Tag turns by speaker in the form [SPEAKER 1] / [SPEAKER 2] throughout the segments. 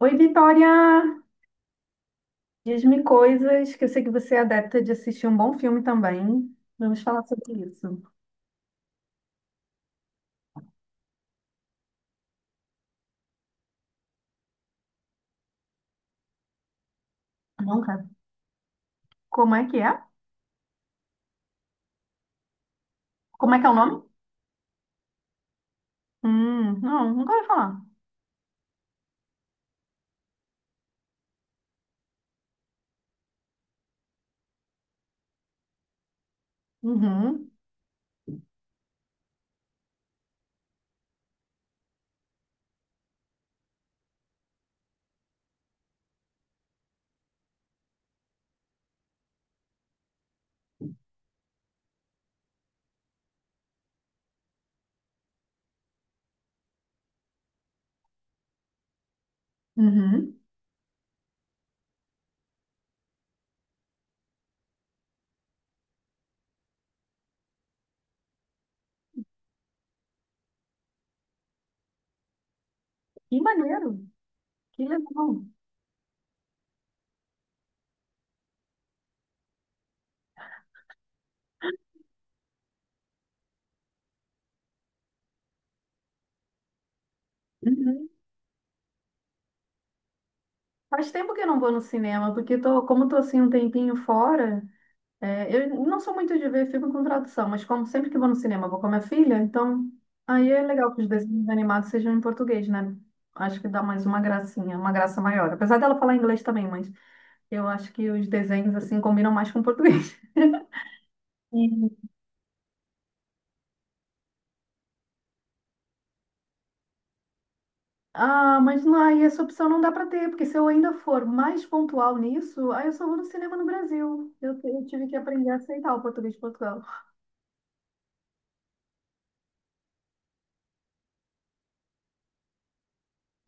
[SPEAKER 1] Oi, Vitória! Diz-me coisas que eu sei que você é adepta de assistir um bom filme também. Vamos falar sobre isso. Nunca. Como é que é? Como é que é o nome? Não, nunca ouvi falar. Uhum, uhum. Que maneiro! Que legal! Uhum. Faz tempo que eu não vou no cinema, porque tô, como tô assim um tempinho fora, é, eu não sou muito de ver filme com tradução, mas como sempre que vou no cinema, vou com a minha filha, então aí é legal que os desenhos animados sejam em português, né? Acho que dá mais uma gracinha, uma graça maior. Apesar dela falar inglês também, mas eu acho que os desenhos assim combinam mais com o português. E, ah, mas não, aí essa opção não dá para ter, porque se eu ainda for mais pontual nisso, aí eu só vou no cinema no Brasil. Eu tive que aprender a aceitar o português de Portugal.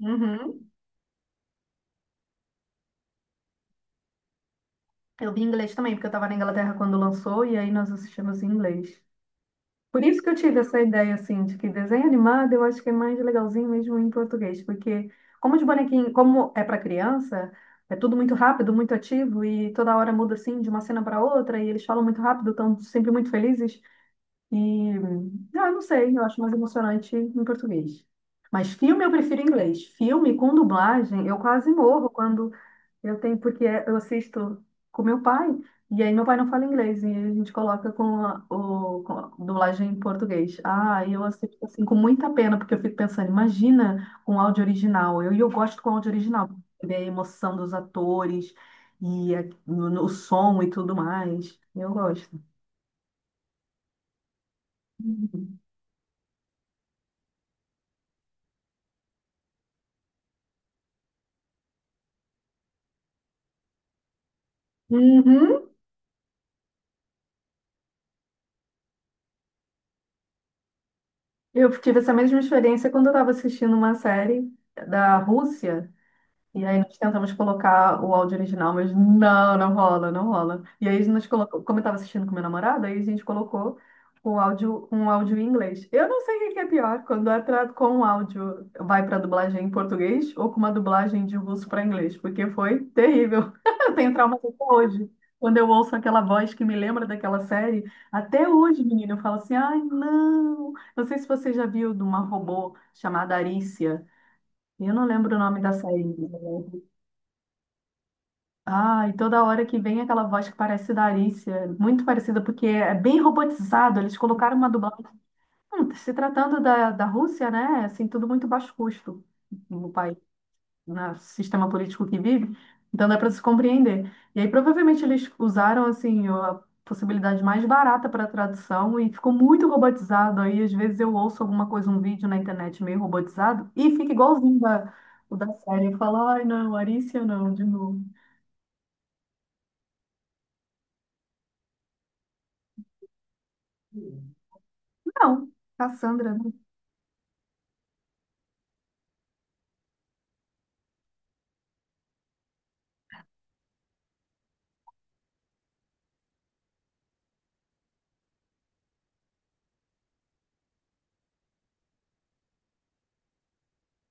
[SPEAKER 1] Uhum. Eu vi inglês também, porque eu estava na Inglaterra quando lançou, e aí nós assistimos em inglês. Por isso que eu tive essa ideia, assim, de que desenho animado eu acho que é mais legalzinho mesmo em português, porque como os bonequinhos, como é para criança, é tudo muito rápido, muito ativo e toda hora muda, assim, de uma cena para outra e eles falam muito rápido, estão sempre muito felizes e, ah, eu não sei, eu acho mais emocionante em português. Mas filme eu prefiro em inglês. Filme com dublagem, eu quase morro quando eu tenho porque eu assisto com meu pai, e aí meu pai não fala inglês, e a gente coloca com a dublagem em português. Ah, e eu assisto assim com muita pena, porque eu fico pensando, imagina com áudio original. E eu gosto com áudio original, ver a emoção dos atores e o som e tudo mais. Eu gosto. Uhum. Uhum. Eu tive essa mesma experiência quando eu estava assistindo uma série da Rússia. E aí nós tentamos colocar o áudio original, mas não rola, não rola. E aí nós colocou, como eu estava assistindo com meu namorado, aí a gente colocou o áudio, um áudio em inglês. Eu não sei o que que é pior, quando é com o áudio vai para dublagem em português ou com uma dublagem de russo para inglês, porque foi terrível. Eu tenho trauma até hoje. Quando eu ouço aquela voz que me lembra daquela série, até hoje, menina, eu falo assim, ai, não. Não sei se você já viu de uma robô chamada Arícia. Eu não lembro o nome da série. Ah, e toda hora que vem aquela voz que parece da Alicia, muito parecida, porque é bem robotizado, eles colocaram uma dublagem. Se tratando da Rússia, né? Assim, tudo muito baixo custo no país, no sistema político que vive, então dá para se compreender. E aí provavelmente eles usaram, assim, a possibilidade mais barata para tradução e ficou muito robotizado. Aí às vezes eu ouço alguma coisa, um vídeo na internet meio robotizado e fica igualzinho da, o da série. Eu falo, ai não, Alicia não, de novo. Não, Cassandra, né?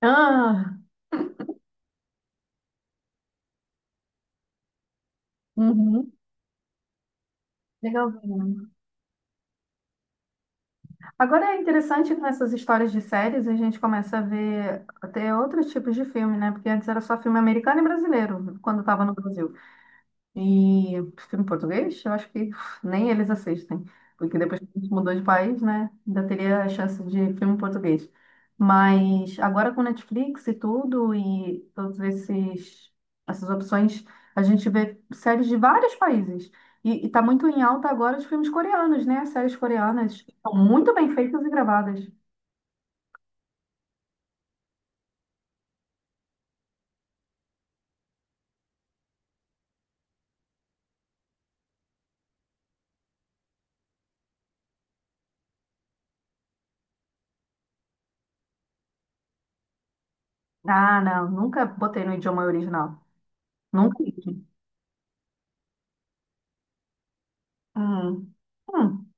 [SPEAKER 1] Ah, uhum, legalzinho. Agora é interessante que nessas histórias de séries a gente começa a ver até outros tipos de filme, né? Porque antes era só filme americano e brasileiro, quando estava no Brasil. E filme português, eu acho que uf, nem eles assistem, porque depois que a gente mudou de país, né, ainda teria a chance de filme português. Mas agora com Netflix e tudo, e todos esses, essas opções, a gente vê séries de vários países. E tá muito em alta agora os filmes coreanos, né? As séries coreanas são muito bem feitas e gravadas. Ah, não, nunca botei no idioma original. Nunca. Hum. Hum.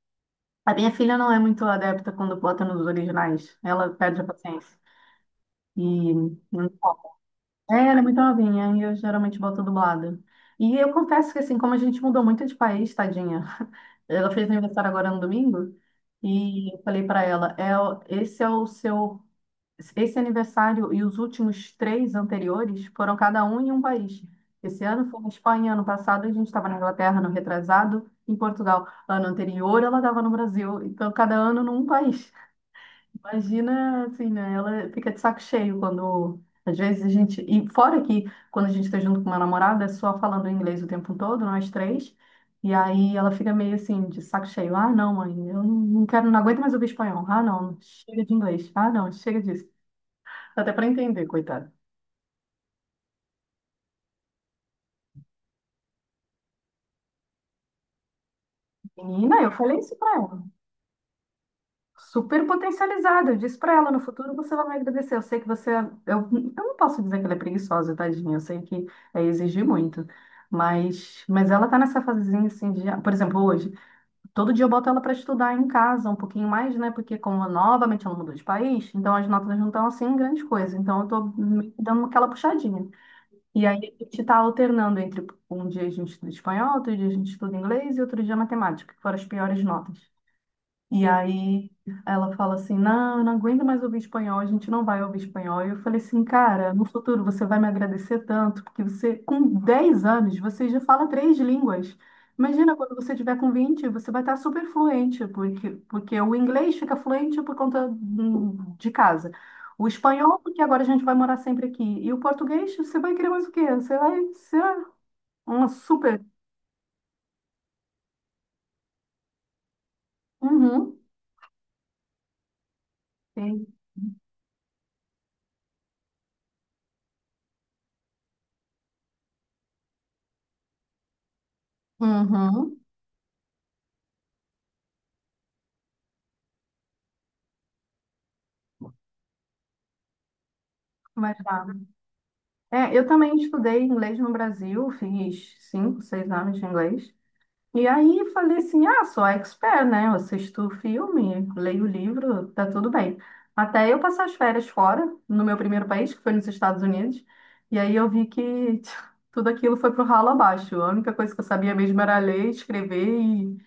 [SPEAKER 1] A minha filha não é muito adepta quando bota nos originais. Ela perde a paciência. E é, ela é muito novinha e eu geralmente boto dublado. E eu confesso que assim, como a gente mudou muito de país, tadinha. Ela fez aniversário agora no domingo e eu falei pra ela, é, esse é o seu esse aniversário e os últimos três anteriores foram cada um em um país. Esse ano foi na Espanha, ano passado a gente estava na Inglaterra, no retrasado, em Portugal. Ano anterior ela estava no Brasil, então cada ano num país. Imagina, assim, né? Ela fica de saco cheio quando, às vezes, a gente. E fora que, quando a gente está junto com uma namorada, é só falando inglês o tempo todo, nós três. E aí ela fica meio assim, de saco cheio. Ah, não, mãe, eu não quero, não aguento mais ouvir espanhol. Ah, não, chega de inglês. Ah, não, chega disso até para entender, coitada. Menina, eu falei isso para ela. Super potencializada. Eu disse para ela, no futuro você vai me agradecer. Eu sei que você. Eu não posso dizer que ela é preguiçosa, tadinha. Eu sei que é exigir muito. Mas ela tá nessa fasezinha assim de. Por exemplo, hoje, todo dia eu boto ela para estudar em casa um pouquinho mais, né? Porque como novamente ela mudou de país, então as notas não estão assim grande coisa. Então eu tô meio que dando aquela puxadinha. E aí a gente está alternando entre um dia a gente estuda espanhol, outro dia a gente estuda inglês e outro dia matemática, que foram as piores notas. E aí ela fala assim: não, eu não aguento mais ouvir espanhol, a gente não vai ouvir espanhol. E eu falei assim: cara, no futuro você vai me agradecer tanto, porque você, com 10 anos, você já fala três línguas. Imagina quando você tiver com 20, você vai estar super fluente, porque, porque o inglês fica fluente por conta de casa. O espanhol, porque agora a gente vai morar sempre aqui. E o português, você vai querer mais o quê? Você vai ser uma super. Uhum. Sim. Uhum. Vai lá. É, eu também estudei inglês no Brasil, fiz 5, 6 anos de inglês. E aí falei assim, ah, sou expert, né? Eu assisto filme, leio livro, tá tudo bem. Até eu passar as férias fora, no meu primeiro país, que foi nos Estados Unidos, e aí eu vi que tudo aquilo foi pro ralo abaixo. A única coisa que eu sabia mesmo era ler, escrever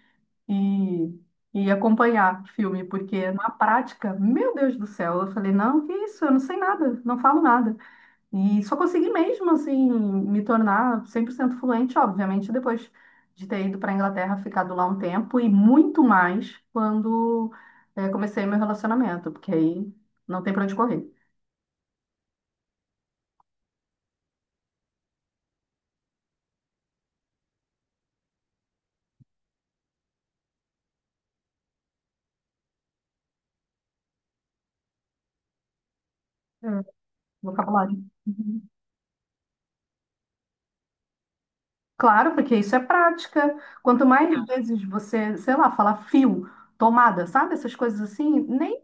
[SPEAKER 1] e acompanhar filme, porque na prática, meu Deus do céu, eu falei, não, que isso, eu não sei nada, não falo nada. E só consegui mesmo, assim, me tornar 100% fluente, obviamente, depois de ter ido para a Inglaterra, ficado lá um tempo, e muito mais quando comecei meu relacionamento, porque aí não tem para onde correr. Hum. Vocabulário. Claro, porque isso é prática. Quanto mais vezes você, sei lá, falar fio, tomada, sabe? Essas coisas assim, nem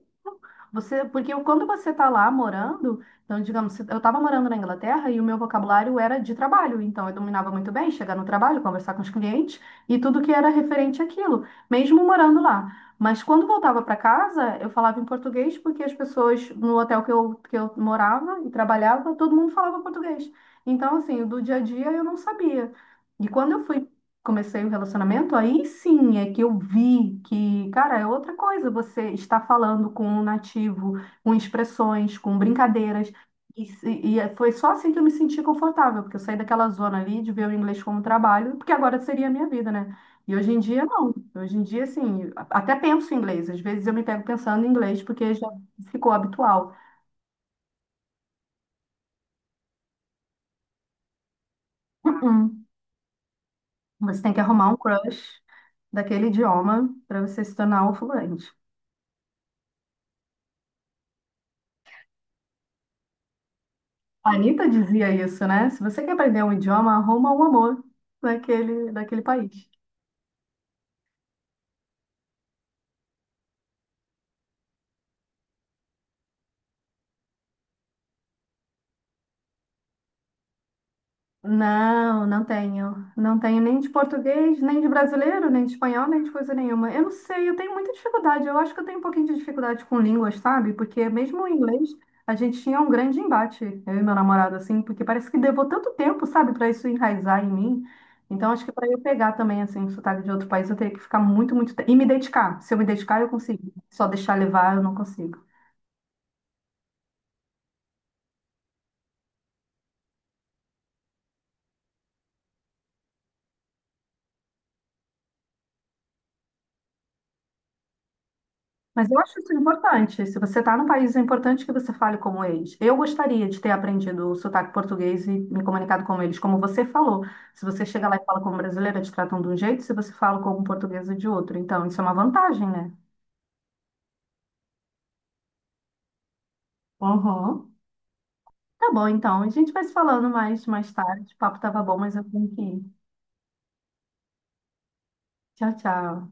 [SPEAKER 1] você, porque quando você tá lá morando, então, digamos, eu estava morando na Inglaterra e o meu vocabulário era de trabalho, então eu dominava muito bem chegar no trabalho, conversar com os clientes e tudo que era referente àquilo, mesmo morando lá. Mas quando voltava para casa, eu falava em português porque as pessoas no hotel que eu morava e trabalhava, todo mundo falava português. Então, assim, do dia a dia eu não sabia. E quando eu fui, comecei o relacionamento, aí sim é que eu vi que, cara, é outra coisa você está falando com um nativo, com expressões, com brincadeiras. Foi só assim que eu me senti confortável, porque eu saí daquela zona ali de ver o inglês como trabalho, porque agora seria a minha vida, né? E hoje em dia, não. Hoje em dia, assim, até penso em inglês. Às vezes eu me pego pensando em inglês, porque já ficou habitual. Uhum. Você tem que arrumar um crush daquele idioma para você se tornar o fluente. A Anitta dizia isso, né? Se você quer aprender um idioma, arruma um amor daquele país. Não, não tenho. Não tenho nem de português, nem de brasileiro, nem de espanhol, nem de coisa nenhuma. Eu não sei, eu tenho muita dificuldade. Eu acho que eu tenho um pouquinho de dificuldade com línguas, sabe? Porque mesmo o inglês, a gente tinha um grande embate, eu e meu namorado, assim, porque parece que levou tanto tempo, sabe, para isso enraizar em mim. Então, acho que para eu pegar também, assim, o sotaque de outro país, eu teria que ficar muito, muito tempo. E me dedicar. Se eu me dedicar, eu consigo. Só deixar levar, eu não consigo. Mas eu acho isso importante. Se você está num país, é importante que você fale como eles. Eu gostaria de ter aprendido o sotaque português e me comunicado com eles, como você falou. Se você chega lá e fala como brasileira, te tratam de um jeito, se você fala como portuguesa, de outro. Então, isso é uma vantagem, né? Uhum. Tá bom, então. A gente vai se falando mais, mais tarde. O papo tava bom, mas eu tenho que ir. Tchau, tchau.